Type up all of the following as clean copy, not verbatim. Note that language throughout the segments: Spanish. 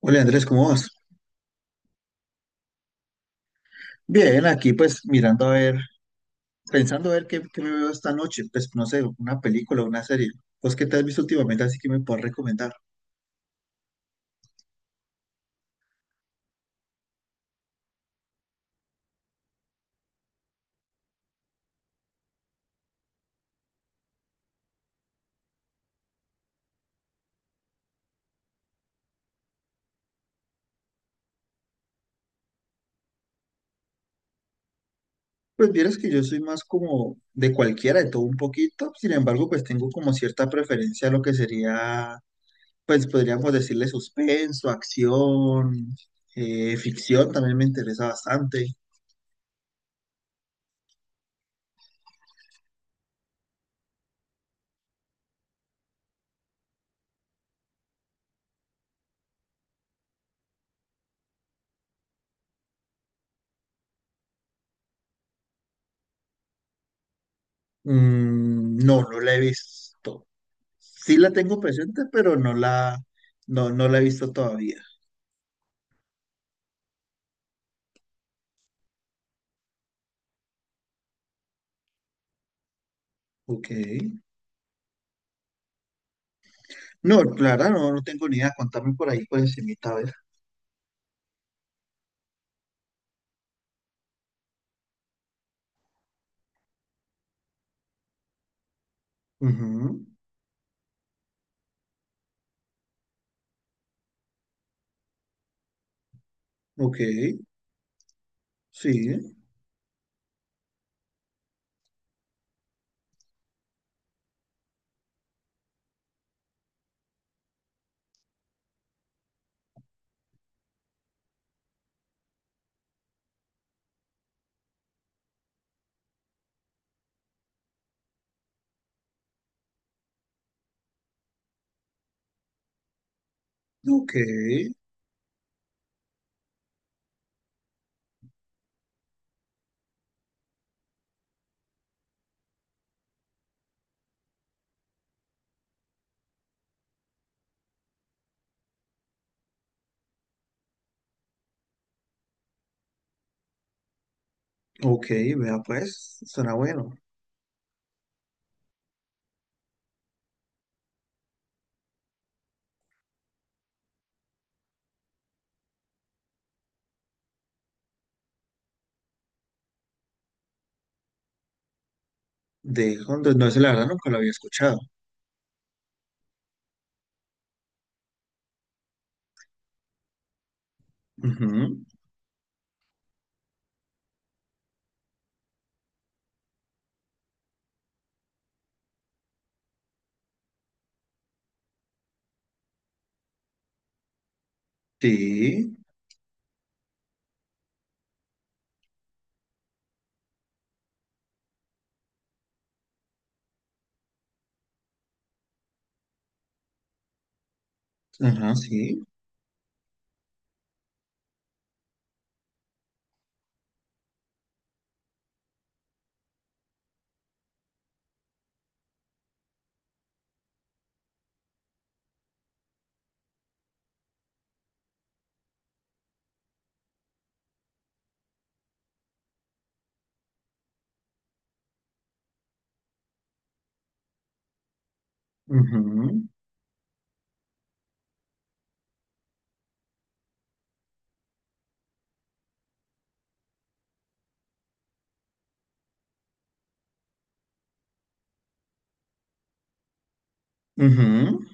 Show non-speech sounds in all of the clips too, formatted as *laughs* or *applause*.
Hola Andrés, ¿cómo vas? Bien, aquí pues mirando a ver, pensando a ver qué me veo esta noche, pues no sé, una película, una serie. ¿Pues qué te has visto últimamente así que me puedes recomendar? Pues vieras que yo soy más como de cualquiera, de todo un poquito, sin embargo pues tengo como cierta preferencia a lo que sería, pues podríamos decirle suspenso, acción, ficción, también me interesa bastante. No, no la he visto. Sí la tengo presente, pero no la he visto todavía. Ok. No, Clara, no, no tengo ni idea. Contame por ahí, pues, encimita, a ver. Ujú. Ok, sí. Ok, ok, vea, pues, suena bueno. De Honduras, no, ese la verdad nunca lo había escuchado. Ujú. Sí, ajá, sí. Ujú. Ujú.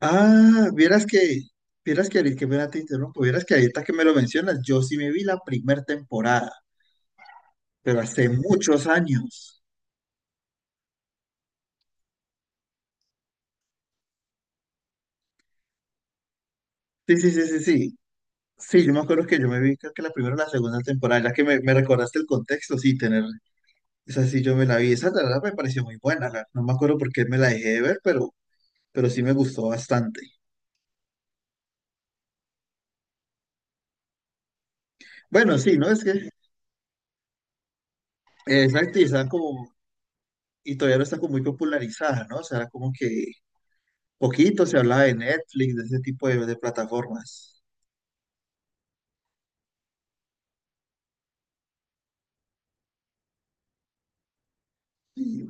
Ah, vieras que ahorita que me te interrumpo, vieras que ahorita que me lo mencionas, yo sí me vi la primera temporada, pero hace muchos años. Sí, sí, sí, sí, sí. Sí, yo me acuerdo que yo me vi, creo que la primera o la segunda temporada, ya que me recordaste el contexto, sí, esa sí yo me la vi, esa la verdad me pareció muy buena, no me acuerdo por qué me la dejé de ver, pero sí me gustó bastante. Bueno, sí, ¿no? Es que, exacto, y está como, y todavía no está como muy popularizada, ¿no? O sea, era como que poquito se hablaba de Netflix, de ese tipo de plataformas. Sí.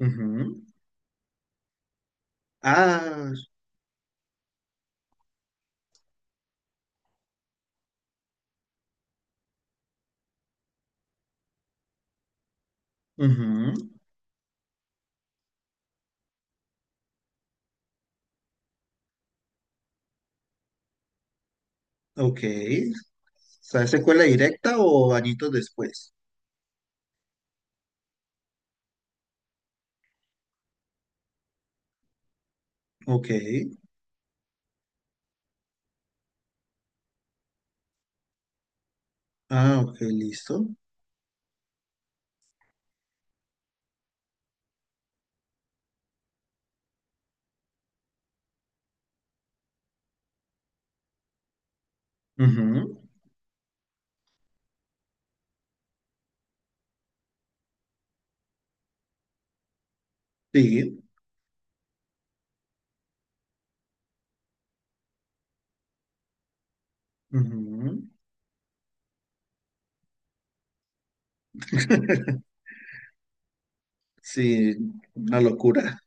Ujú. Ah, ujú. Ok. O sea, ¿secuela directa o añitos después? Ok. Ah, ok, listo. Ujú, sí. Ujú. *laughs* Sí, una locura.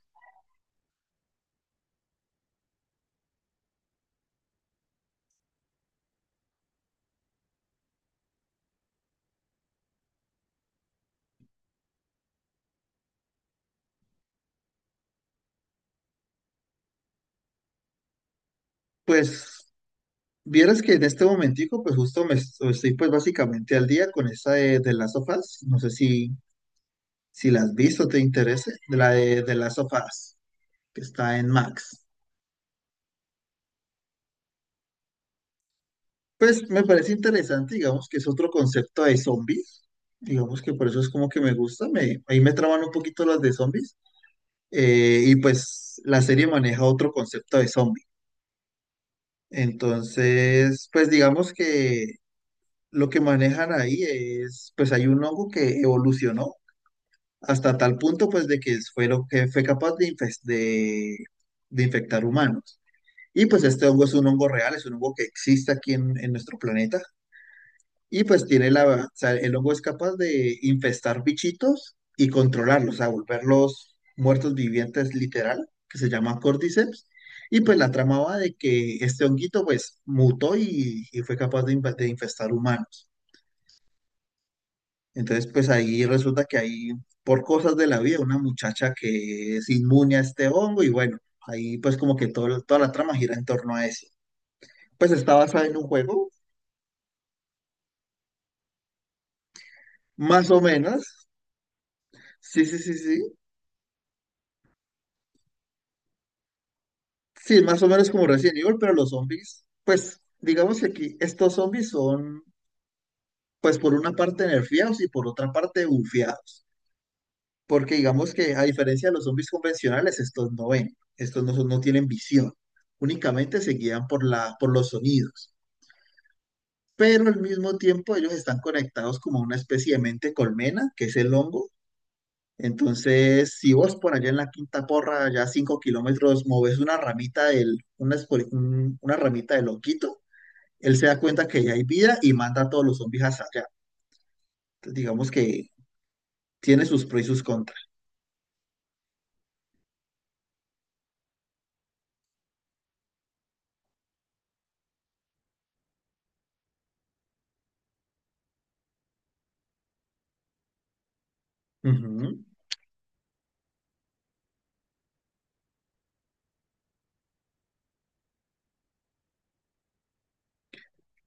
Pues vieras que en este momentico, pues justo me estoy pues básicamente al día con esa de las sofás. No sé si la has visto, te interese, de las sofás, que está en Max. Pues me parece interesante, digamos que es otro concepto de zombies. Digamos que por eso es como que me gusta, ahí me traban un poquito las de zombies. Y pues la serie maneja otro concepto de zombies. Entonces, pues digamos que lo que manejan ahí es, pues hay un hongo que evolucionó hasta tal punto, pues de que fue lo que fue capaz de infectar humanos. Y pues este hongo es un hongo real, es un hongo que existe aquí en nuestro planeta. Y pues tiene la, o sea, el hongo es capaz de infestar bichitos y controlarlos, a volverlos muertos vivientes literal, que se llama Cordyceps. Y pues la trama va de que este honguito pues mutó y fue capaz de infestar humanos. Entonces pues ahí resulta que hay, por cosas de la vida, una muchacha que es inmune a este hongo y bueno, ahí pues como que toda la trama gira en torno a eso. Pues está basada en un juego, más o menos. Sí, sí, sí, sí. Sí, más o menos como Resident Evil, pero los zombies, pues digamos que aquí estos zombies son, pues por una parte nerfeados y por otra parte bufiados. Porque digamos que a diferencia de los zombies convencionales, estos no ven, estos no, son- no tienen visión, únicamente se guían por los sonidos. Pero al mismo tiempo ellos están conectados como a una especie de mente colmena, que es el hongo. Entonces, si vos por allá en la Quinta Porra, ya 5 km, moves una ramita del honguito, él se da cuenta que ya hay vida y manda a todos los zombies hasta allá. Entonces, digamos que tiene sus pros y sus contras. Ujú.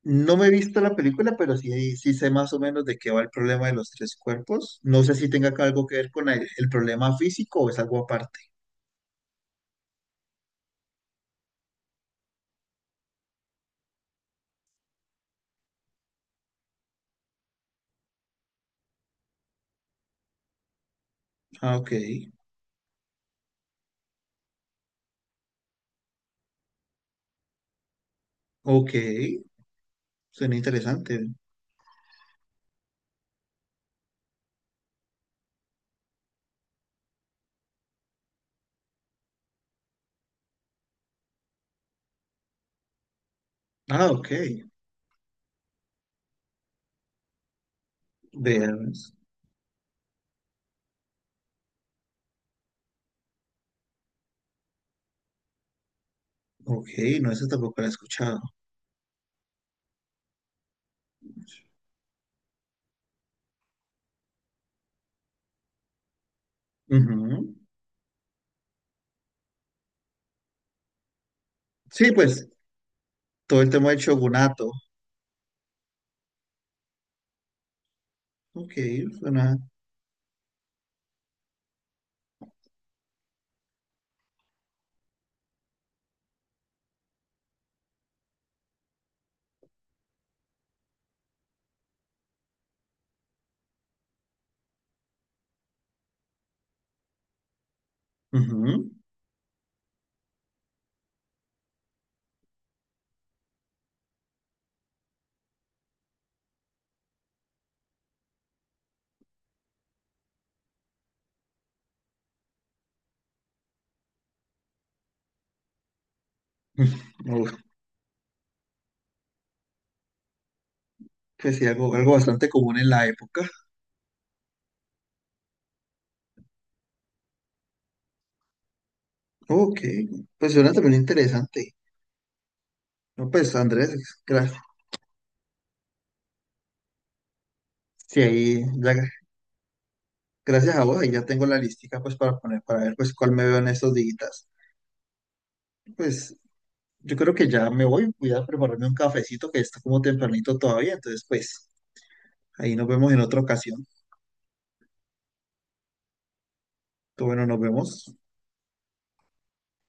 No me he visto la película, pero sí, sí sé más o menos de qué va el problema de los tres cuerpos. No sé si tenga algo que ver con el problema físico o es algo aparte. Ah, ok. Ok. Suena interesante. Ah, ok. Veamos. Ok, no, esa tampoco la he escuchado. Ujú. Sí, pues todo el tema del shogunato. Ok, suena. Ujú. *laughs* Pues sí, algo bastante común en la época. Ok, pues suena también interesante. No, pues Andrés, gracias. Sí, ahí, gracias a vos, ahí ya tengo la listica pues para poner, para ver pues cuál me veo en estos días. Pues yo creo que ya me voy, voy a prepararme un cafecito que está como tempranito todavía, entonces pues ahí nos vemos en otra ocasión. Entonces, bueno, nos vemos.